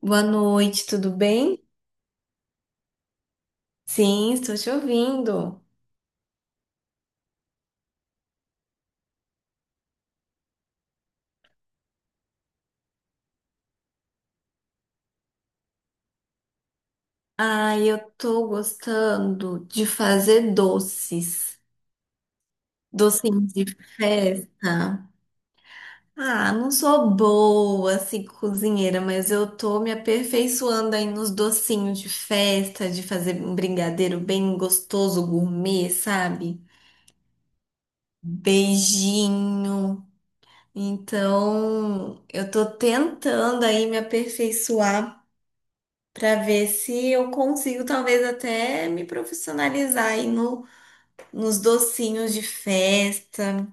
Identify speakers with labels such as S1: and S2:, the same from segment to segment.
S1: Boa noite, tudo bem? Sim, estou te ouvindo. Ah, eu tô gostando de fazer doces, docinhos de festa. Ah, não sou boa assim cozinheira, mas eu tô me aperfeiçoando aí nos docinhos de festa, de fazer um brigadeiro bem gostoso, gourmet, sabe? Beijinho. Então, eu tô tentando aí me aperfeiçoar, para ver se eu consigo talvez até me profissionalizar aí no, nos docinhos de festa.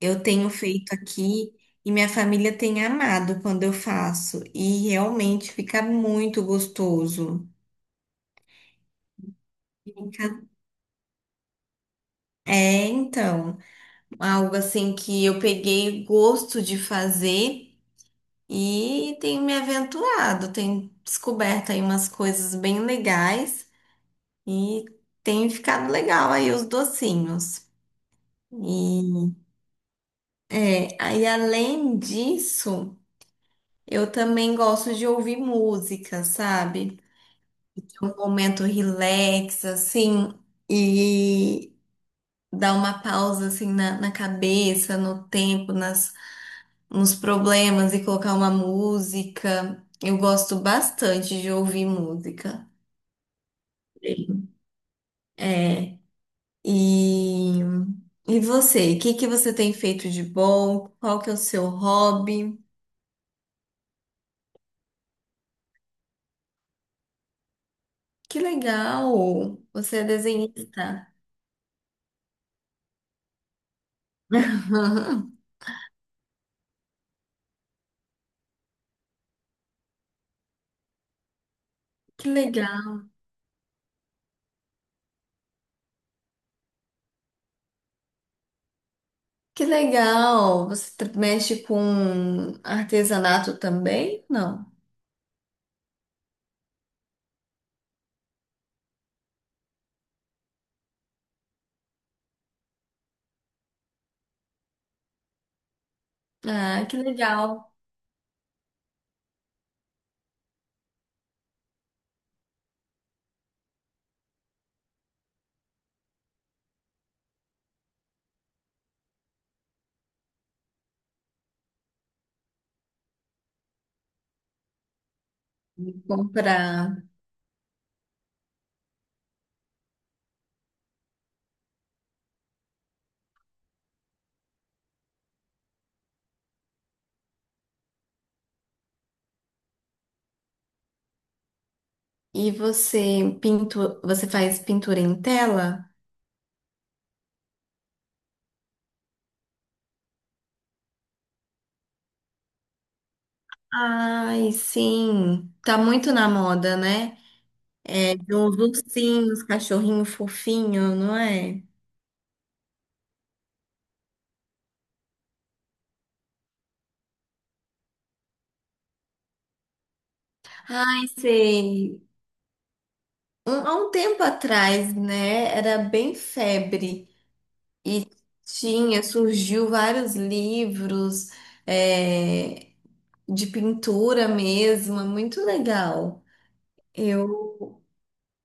S1: Eu tenho feito aqui e minha família tem amado quando eu faço e realmente fica muito gostoso. Fica- É, então, algo assim que eu peguei gosto de fazer. E tenho me aventurado, tenho descoberto aí umas coisas bem legais e tem ficado legal aí os docinhos. E, aí além disso, eu também gosto de ouvir música, sabe? Ter um momento relax, assim, e dar uma pausa, assim, na cabeça, no tempo, nos problemas e colocar uma música. Eu gosto bastante de ouvir música. É, e, e você? O que que você tem feito de bom? Qual que é o seu hobby? Que legal! Você é desenhista. Que legal. Que legal. Você mexe com artesanato também? Não. Ah, que legal. Comprar. E você você faz pintura em tela? Ai, sim. Tá muito na moda, né? É de uns ursinhos, cachorrinho fofinho, não é? Ai, sei. Há um tempo atrás, né? Era bem febre. E surgiu vários livros, é, de pintura mesmo, é muito legal. Eu,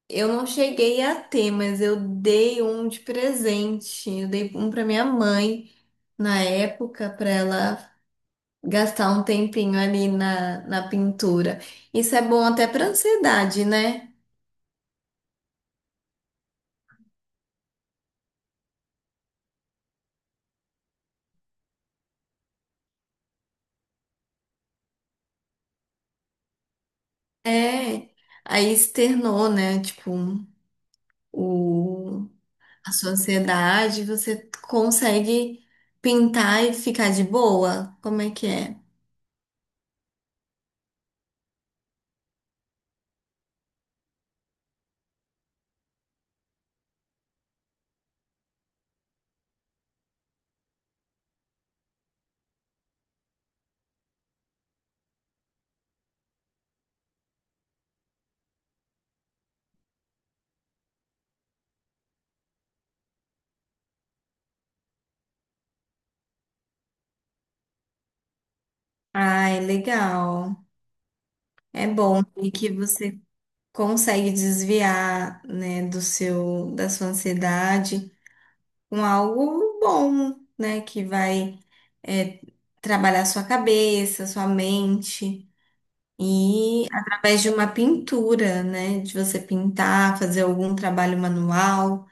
S1: eu não cheguei a ter, mas eu dei um de presente. Eu dei um para minha mãe na época, para ela gastar um tempinho ali na pintura. Isso é bom até para ansiedade, né? É, aí externou, né? Tipo, o a sua ansiedade, você consegue pintar e ficar de boa? Como é que é? Ai, legal. É bom e que você consegue desviar, né, da sua ansiedade com algo bom, né, que vai é, trabalhar sua cabeça, sua mente e através de uma pintura, né, de você pintar, fazer algum trabalho manual.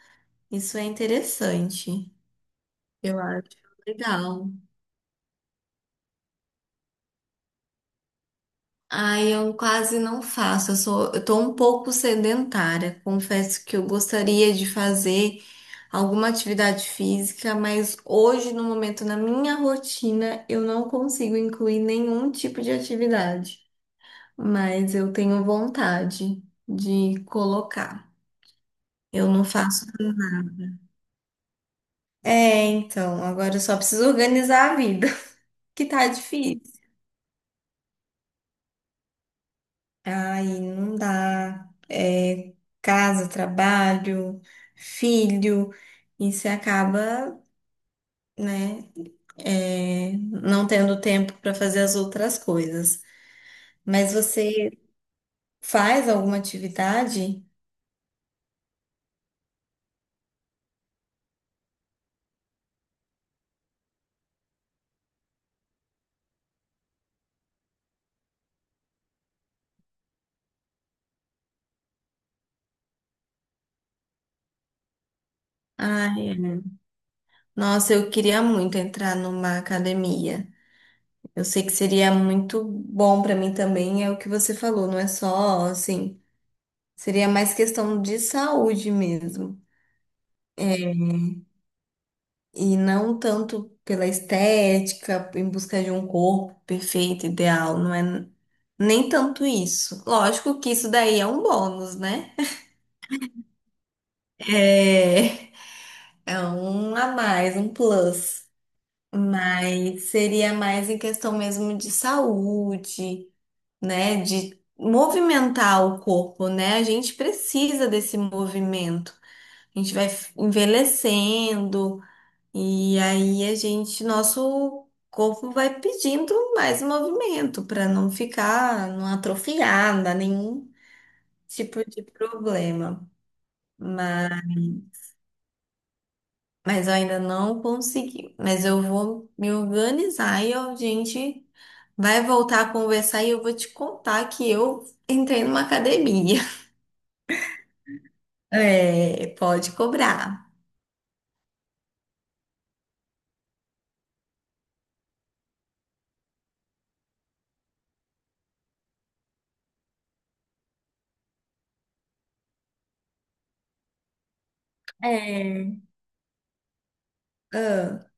S1: Isso é interessante. Eu acho legal. Ai, eu quase não faço. Eu tô um pouco sedentária. Confesso que eu gostaria de fazer alguma atividade física, mas hoje, no momento, na minha rotina, eu não consigo incluir nenhum tipo de atividade. Mas eu tenho vontade de colocar. Eu não faço. É, então, agora eu só preciso organizar a vida, que tá difícil. Ai, não dá. É, casa, trabalho, filho, e você acaba, né, não tendo tempo para fazer as outras coisas. Mas você faz alguma atividade? Ai, nossa, eu queria muito entrar numa academia. Eu sei que seria muito bom para mim também, é o que você falou, não é só assim, seria mais questão de saúde mesmo. É, e não tanto pela estética, em busca de um corpo perfeito, ideal, não é nem tanto isso. Lógico que isso daí é um bônus, né? É, é um a mais, um plus. Mas seria mais em questão mesmo de saúde, né? De movimentar o corpo, né? A gente precisa desse movimento. A gente vai envelhecendo. E aí nosso corpo vai pedindo mais movimento para não ficar, não atrofiar, dar nenhum tipo de problema. Mas, mas eu ainda não consegui. Mas eu vou me organizar e a gente vai voltar a conversar e eu vou te contar que eu entrei numa academia. É, pode cobrar. É. Ah,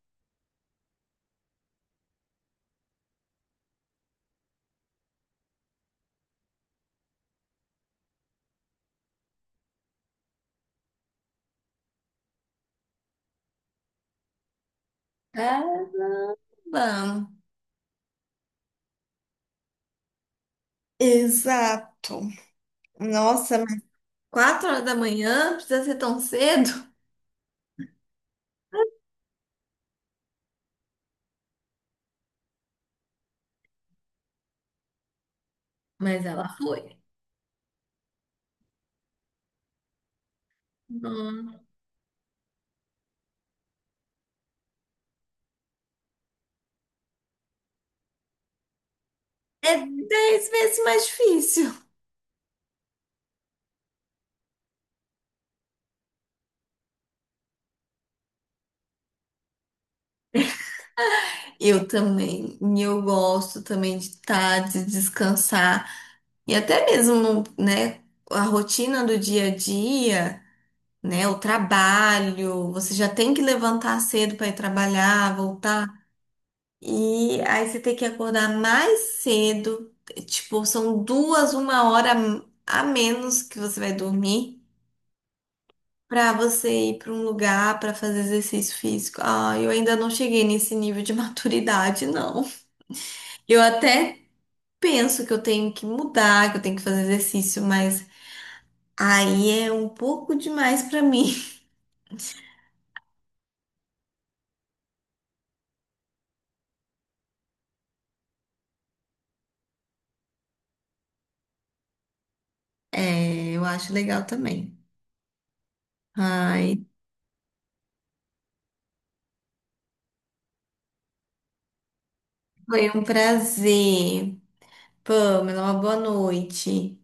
S1: tá bom. Exato. Nossa, 4 horas da manhã, precisa ser tão cedo? Mas ela foi. Hum. É 10 vezes mais difícil. Eu também, e eu gosto também de descansar. E até mesmo, né, a rotina do dia a dia, né, o trabalho, você já tem que levantar cedo para ir trabalhar, voltar. E aí você tem que acordar mais cedo, tipo, são duas, 1 hora a menos que você vai dormir, para você ir para um lugar para fazer exercício físico. Ah, eu ainda não cheguei nesse nível de maturidade, não. Eu até penso que eu tenho que mudar, que eu tenho que fazer exercício, mas aí é um pouco demais para mim. É, eu acho legal também. Ai, foi um prazer. Pamela, uma boa noite.